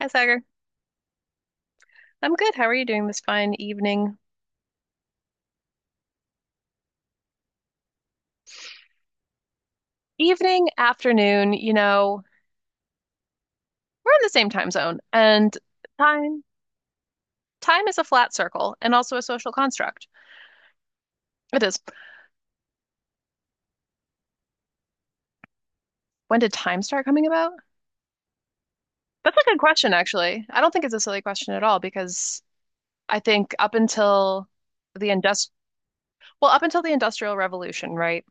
Hi, Sagar. I'm good. How are you doing this fine evening? Evening, afternoon, we're in the same time zone, and time time is a flat circle and also a social construct. It is. When did time start coming about? That's a good question, actually. I don't think it's a silly question at all because I think up until the indust well, up until the Industrial Revolution, right?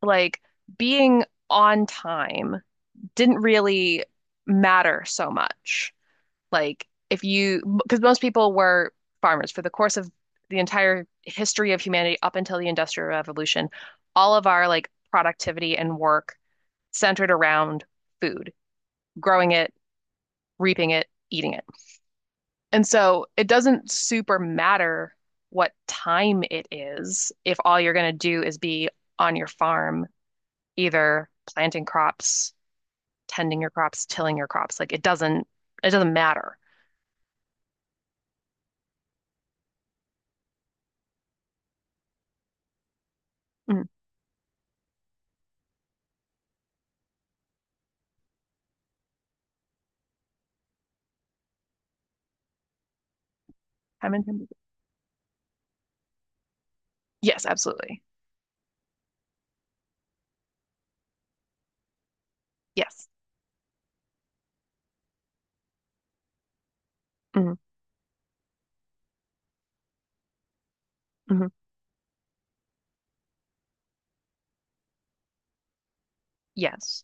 Like being on time didn't really matter so much. Like if you, because most people were farmers for the course of the entire history of humanity up until the Industrial Revolution, all of our like productivity and work centered around food, growing it, reaping it, eating it. And so it doesn't super matter what time it is if all you're going to do is be on your farm, either planting crops, tending your crops, tilling your crops. Like it doesn't matter. Mm, time and time. Yes, absolutely. Yes. hmm hmm Yes.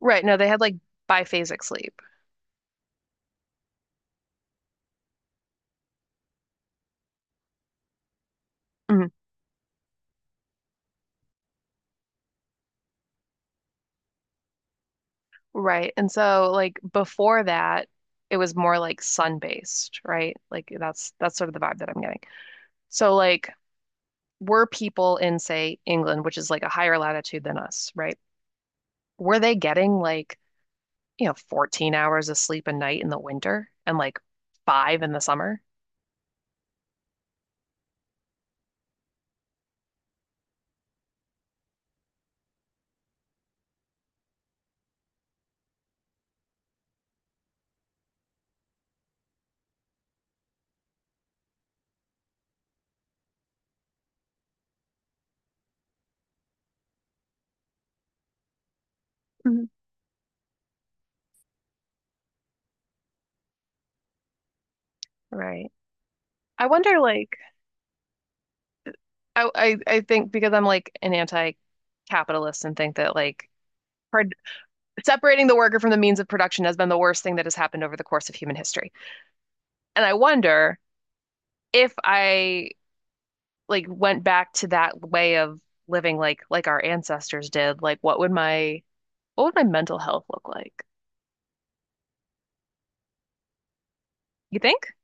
Right. No, they had like biphasic sleep. hmm Right. And so like before that, it was more like sun-based, right? Like that's sort of the vibe that I'm getting. So like were people in, say, England, which is like a higher latitude than us, right? Were they getting like, you know, 14 hours of sleep a night in the winter and like 5 in the summer? hmm Right. I wonder like I think because I'm like an anti-capitalist and think that like par separating the worker from the means of production has been the worst thing that has happened over the course of human history. And I wonder if I like went back to that way of living like our ancestors did, like what would my mental health look like? You think?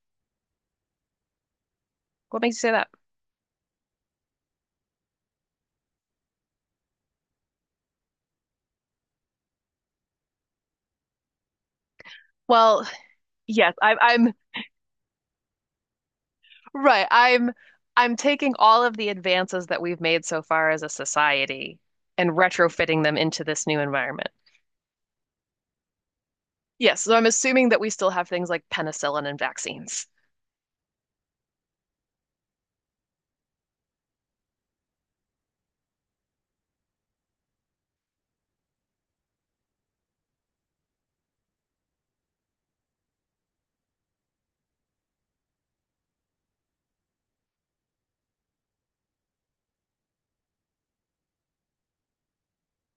What makes you say that? Well, yes, I'm right. I'm taking all of the advances that we've made so far as a society and retrofitting them into this new environment. Yes, so I'm assuming that we still have things like penicillin and vaccines.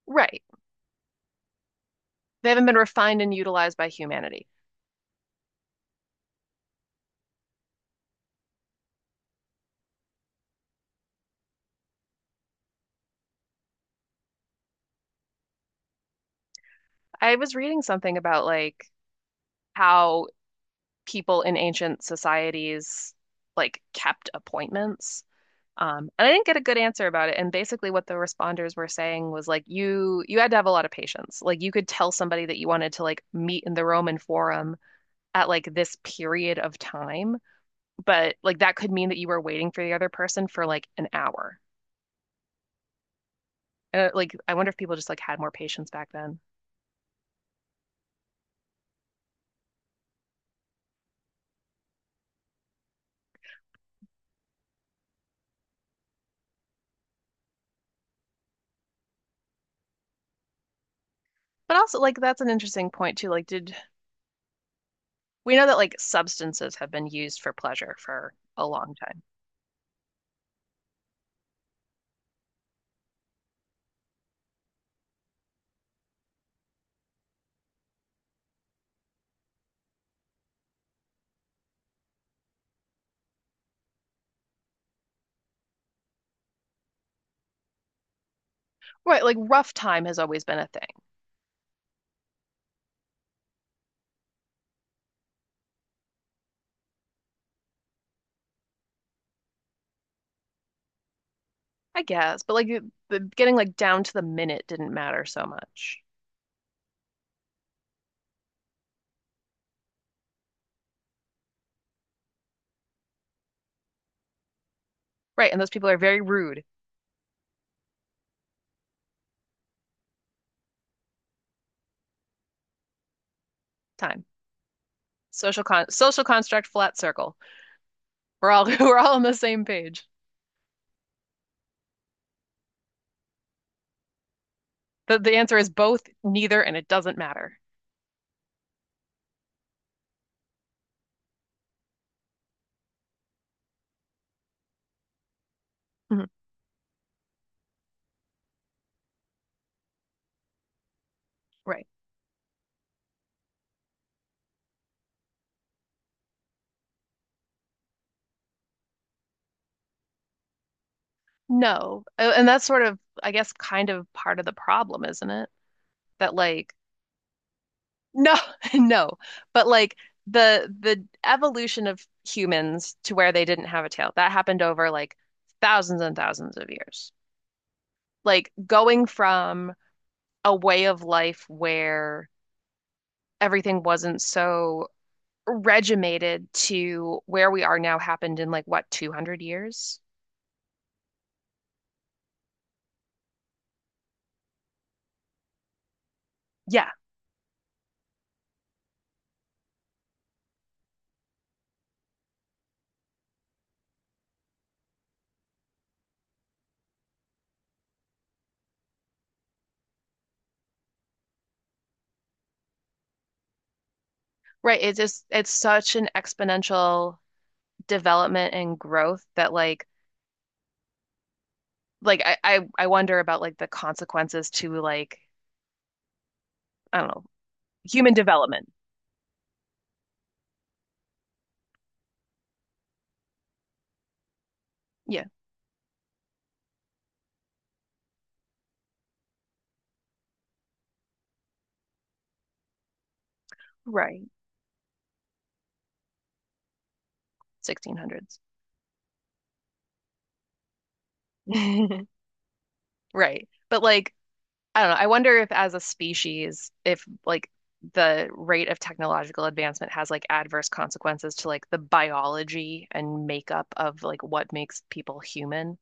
Right. They haven't been refined and utilized by humanity. I was reading something about like how people in ancient societies like kept appointments. And I didn't get a good answer about it. And basically what the responders were saying was like you had to have a lot of patience. Like you could tell somebody that you wanted to like meet in the Roman Forum at like this period of time, but like that could mean that you were waiting for the other person for like an hour. And like I wonder if people just like had more patience back then. But also like that's an interesting point too. Like did we know that like substances have been used for pleasure for a long time. Right, like rough time has always been a thing, I guess, but like getting like down to the minute didn't matter so much. Right, and those people are very rude. Time. Social construct flat circle. We're all we're all on the same page. The answer is both, neither, and it doesn't matter. Mhm. Right. No. And that's sort of, I guess, kind of part of the problem, isn't it? That like no, no. But like the evolution of humans to where they didn't have a tail, that happened over like thousands and thousands of years. Like going from a way of life where everything wasn't so regimented to where we are now happened in like what, 200 years? Yeah, right. It's just it's such an exponential development and growth that like I wonder about like the consequences to like I don't know, human development. Yeah, right. 1600s. Right. But like, I don't know. I wonder if as a species, if like the rate of technological advancement has like adverse consequences to like the biology and makeup of like what makes people human.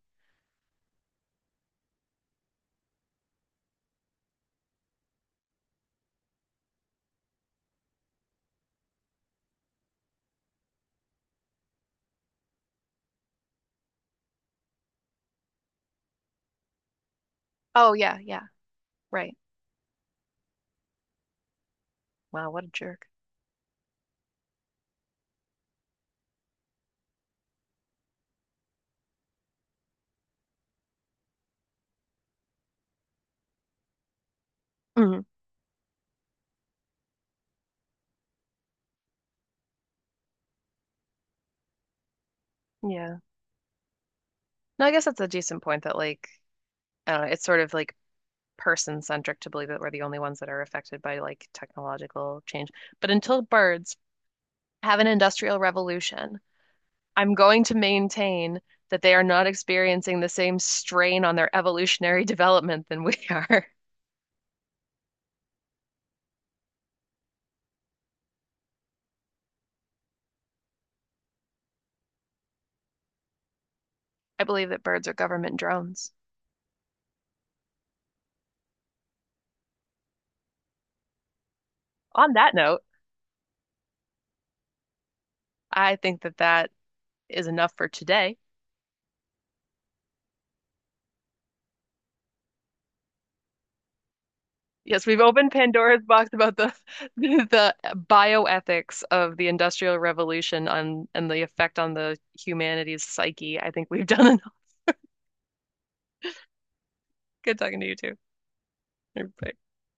Oh, yeah, yeah, right. Wow, what a jerk. Mhm. Yeah. No, I guess that's a decent point that like, I don't know, it's sort of like person-centric to believe that we're the only ones that are affected by like technological change. But until birds have an industrial revolution, I'm going to maintain that they are not experiencing the same strain on their evolutionary development than we are. I believe that birds are government drones. On that note, I think that is enough for today. Yes, we've opened Pandora's box about the the bioethics of the Industrial Revolution on and the effect on the humanity's psyche. I think we've done enough. Good talking to you too. Bye.